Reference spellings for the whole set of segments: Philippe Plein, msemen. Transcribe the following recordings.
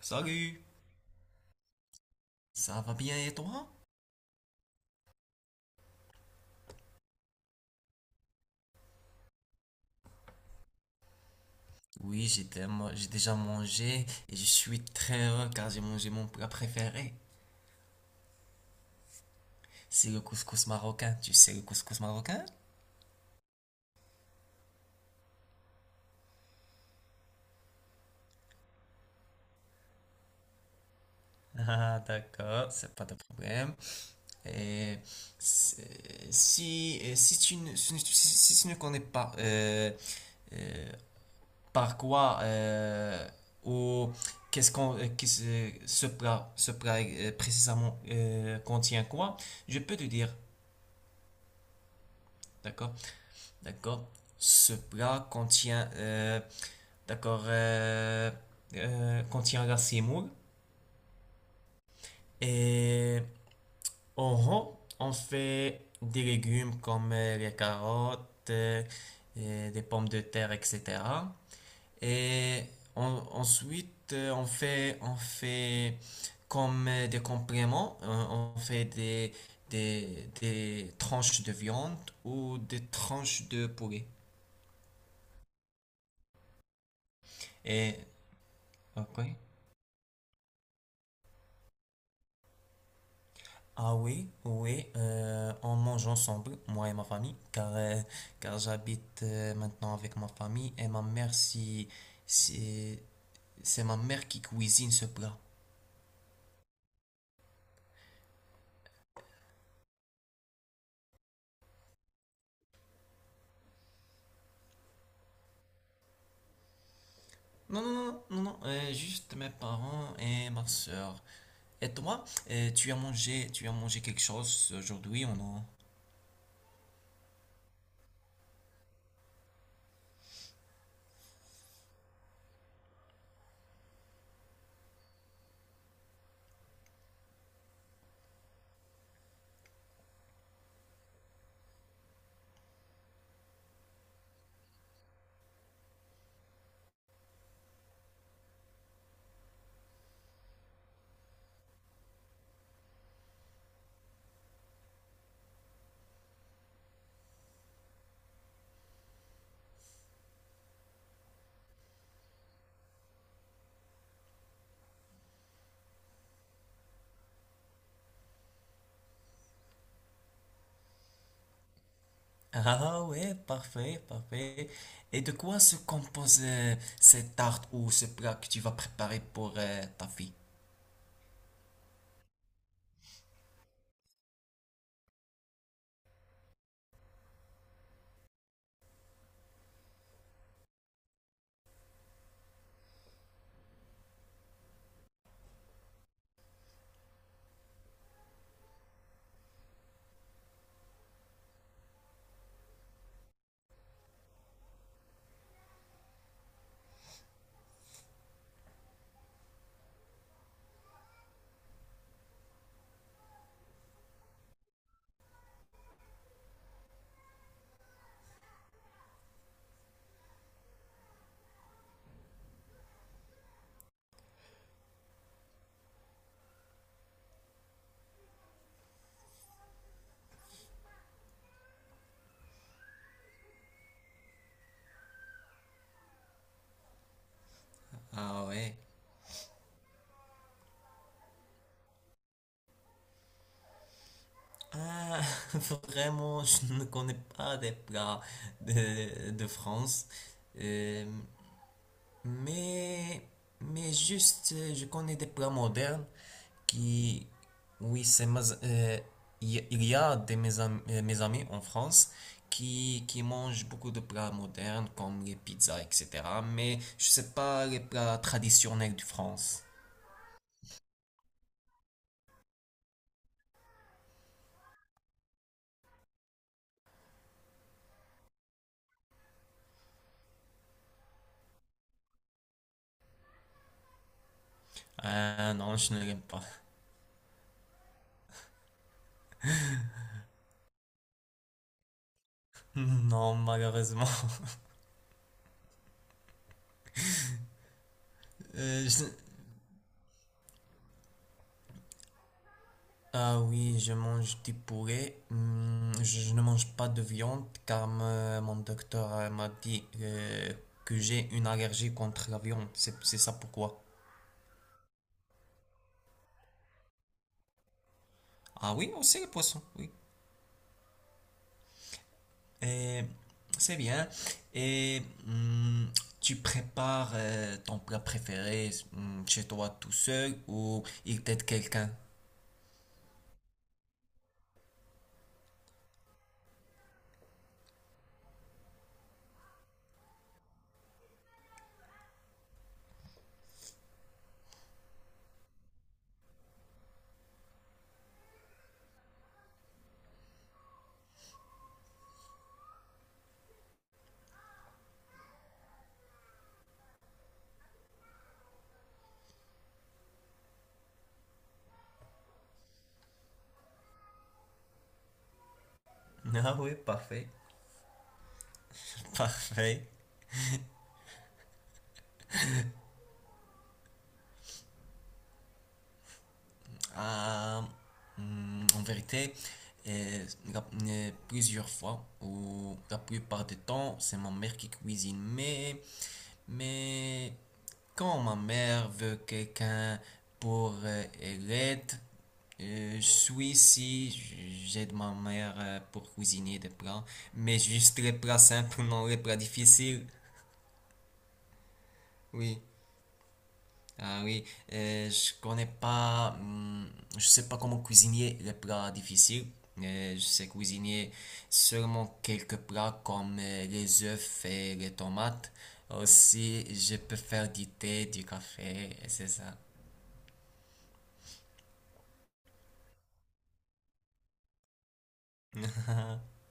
Salut. Ça va bien et toi? Oui, j'ai déjà mangé et je suis très heureux car j'ai mangé mon plat préféré. C'est le couscous marocain. Tu sais le couscous marocain? Ah, d'accord, c'est pas de problème. Et si si tu ne connais pas euh, par quoi ou qu'est-ce qu'on qu'est-ce- ce plat précisément contient quoi, je peux te dire, d'accord? D'accord. Ce plat contient, d'accord, euh, contient la semoule et en rond, on fait des légumes comme les carottes et des pommes de terre, etc. Et ensuite, on fait comme des compléments. On fait des tranches de viande ou des tranches de poulet. Et, ok. Ah oui, oui, on mange ensemble, moi et ma famille, car j'habite maintenant avec ma famille et ma mère. Si- c'est ma mère qui cuisine ce plat. Non, non, non, non, non, juste mes parents et ma soeur. Et toi, tu as mangé quelque chose aujourd'hui ou non? Ah ouais, parfait, parfait. Et de quoi se compose cette tarte ou ce plat que tu vas préparer pour ta fille? Ah ouais. Ah, vraiment, je ne connais pas des plats de France. Euh, mais, mais juste, je connais des plats modernes qui, oui, il y a des mes amis en France qui mangent beaucoup de plats modernes comme les pizzas, etc. Mais je sais pas les plats traditionnels de France. Ah non, je ne l'aime pas. Non, malheureusement. Euh, je, Ah oui, je mange du poulet. Hmm. Je ne mange pas de viande car mon docteur m'a dit que j'ai une allergie contre la viande. C'est ça pourquoi. Ah oui, aussi le poisson, oui. Et c'est bien. Et hmm, tu prépares ton plat préféré, hmm, chez toi tout seul ou il t'aide quelqu'un? Ah oui, parfait. Parfait. Euh, En vérité, euh, la- plusieurs fois, ou la plupart du temps, c'est ma mère qui cuisine. Mais quand ma mère veut quelqu'un pour l'aide, je suis ici, j'aide ma mère pour cuisiner des plats, mais juste les plats simples, non les plats difficiles. Oui. Ah oui, je connais pas, je sais pas comment cuisiner les plats difficiles. Je sais cuisiner seulement quelques plats comme les œufs et les tomates. Aussi, je peux faire du thé, du café, et c'est ça.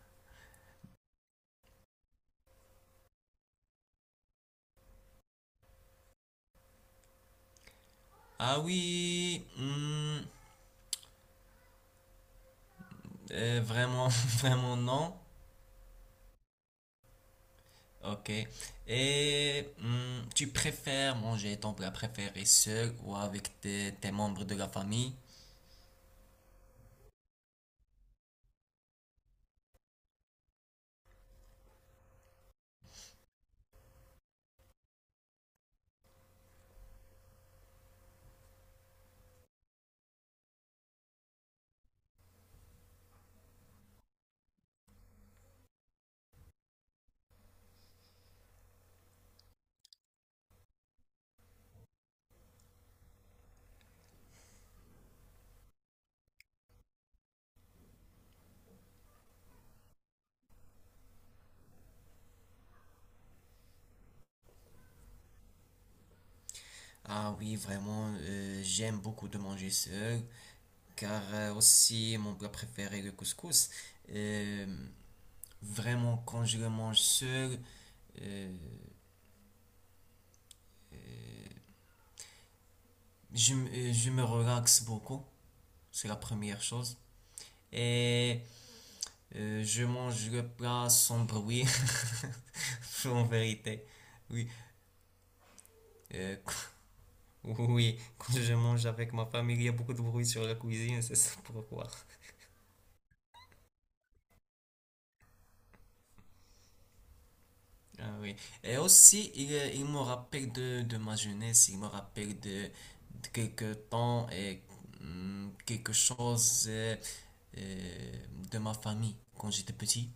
Ah oui, vraiment, vraiment non. Ok. Et tu préfères manger ton plat préféré seul ou avec tes membres de la famille? Ah oui, vraiment, j'aime beaucoup de manger seul, car aussi mon plat préféré, le couscous. Euh, vraiment, quand je le mange seul, euh, je me relaxe beaucoup, c'est la première chose. Et je mange le plat sans bruit, en vérité. Oui, euh, oui, quand je mange avec ma famille, il y a beaucoup de bruit sur la cuisine, c'est ça pourquoi. Ah oui. Et aussi, il me rappelle de ma jeunesse, il me rappelle de quelques temps et quelque chose euh, de ma famille quand j'étais petit.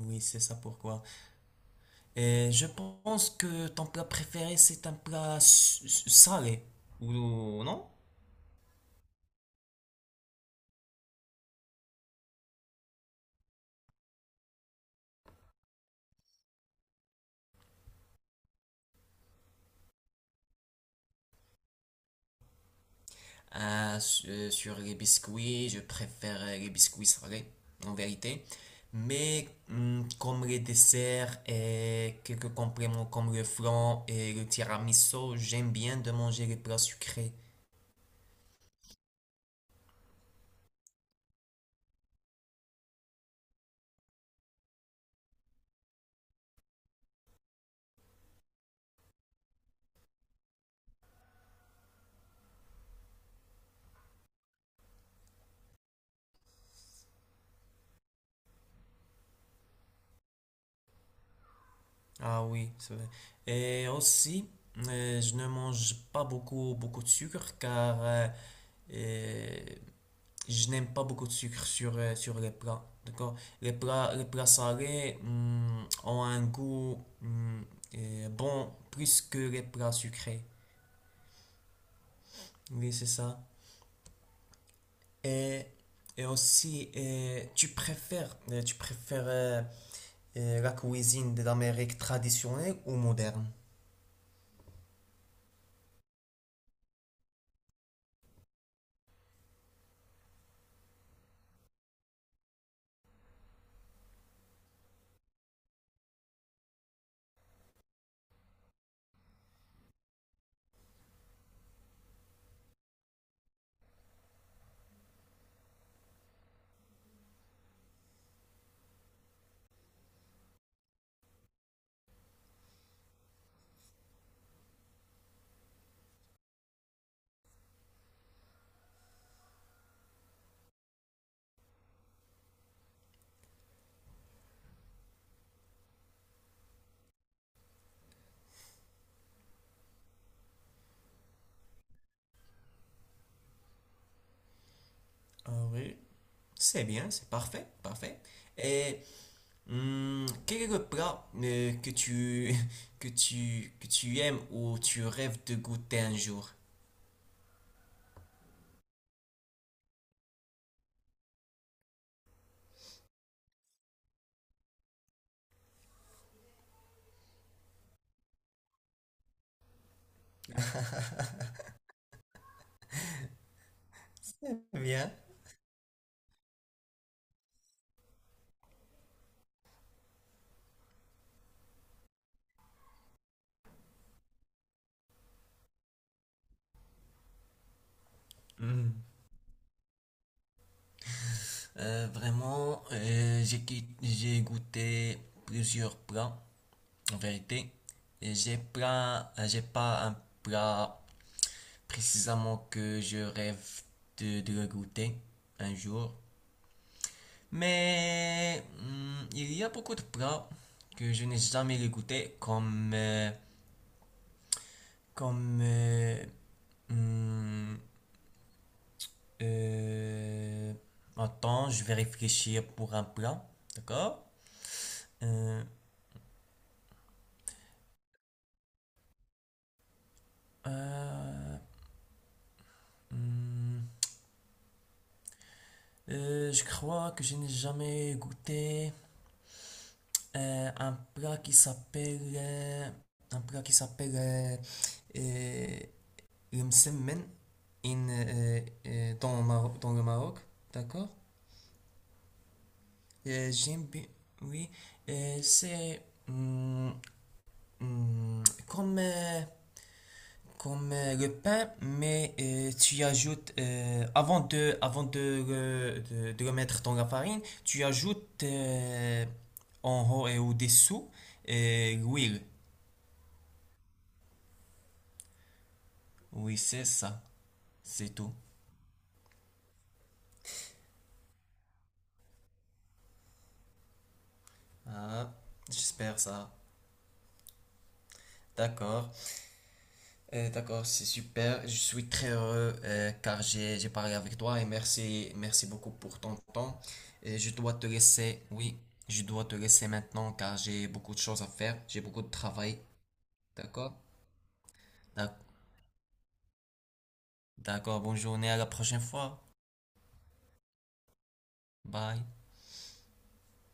Oui, c'est ça pourquoi. Et je pense que ton plat préféré, c'est un plat salé. Ou non? Ah, sur les biscuits, je préfère les biscuits salés, en vérité. Mais comme les desserts et quelques compléments comme le flan et le tiramisu, j'aime bien de manger les plats sucrés. Ah oui, c'est vrai. Et aussi, je ne mange pas beaucoup de sucre car euh, je n'aime pas beaucoup de sucre sur, sur les plats. D'accord? Les plats salés, ont un goût, bon, plus que les plats sucrés. Oui, c'est ça. Et, et aussi, tu préfères la cuisine de l'Amérique traditionnelle ou moderne? Ah oui, c'est bien, c'est parfait, parfait. Et quel est le plat que tu aimes ou tu rêves de goûter un jour? Bien. Hmm. Vraiment, j'ai goûté plusieurs plats, en vérité. Et j'ai pas un plat précisément que je rêve de le goûter un jour. Mais il y a beaucoup de plats que je n'ai jamais goûté, comme hum, Euh, attends, je vais réfléchir pour un plat. D'accord? Euh, euh, hmm, je crois que je n'ai jamais goûté euh, un plat qui s'appelle euh, un plat qui s'appelle euh, le msemen in, dans, dans le Maroc. D'accord? J'aime bien. Oui. C'est hmm, comme le pain, mais tu y ajoutes, avant de, de le mettre dans la farine, tu ajoutes en haut et au-dessous l'huile. Oui, c'est ça, c'est tout. Ah, j'espère ça. D'accord. D'accord, c'est super. Je suis très heureux car j'ai parlé avec toi et merci, merci beaucoup pour ton temps. Et je dois te laisser, oui, je dois te laisser maintenant car j'ai beaucoup de choses à faire, j'ai beaucoup de travail. D'accord? D'ac- D'accord, bonne journée, à la prochaine fois. Bye.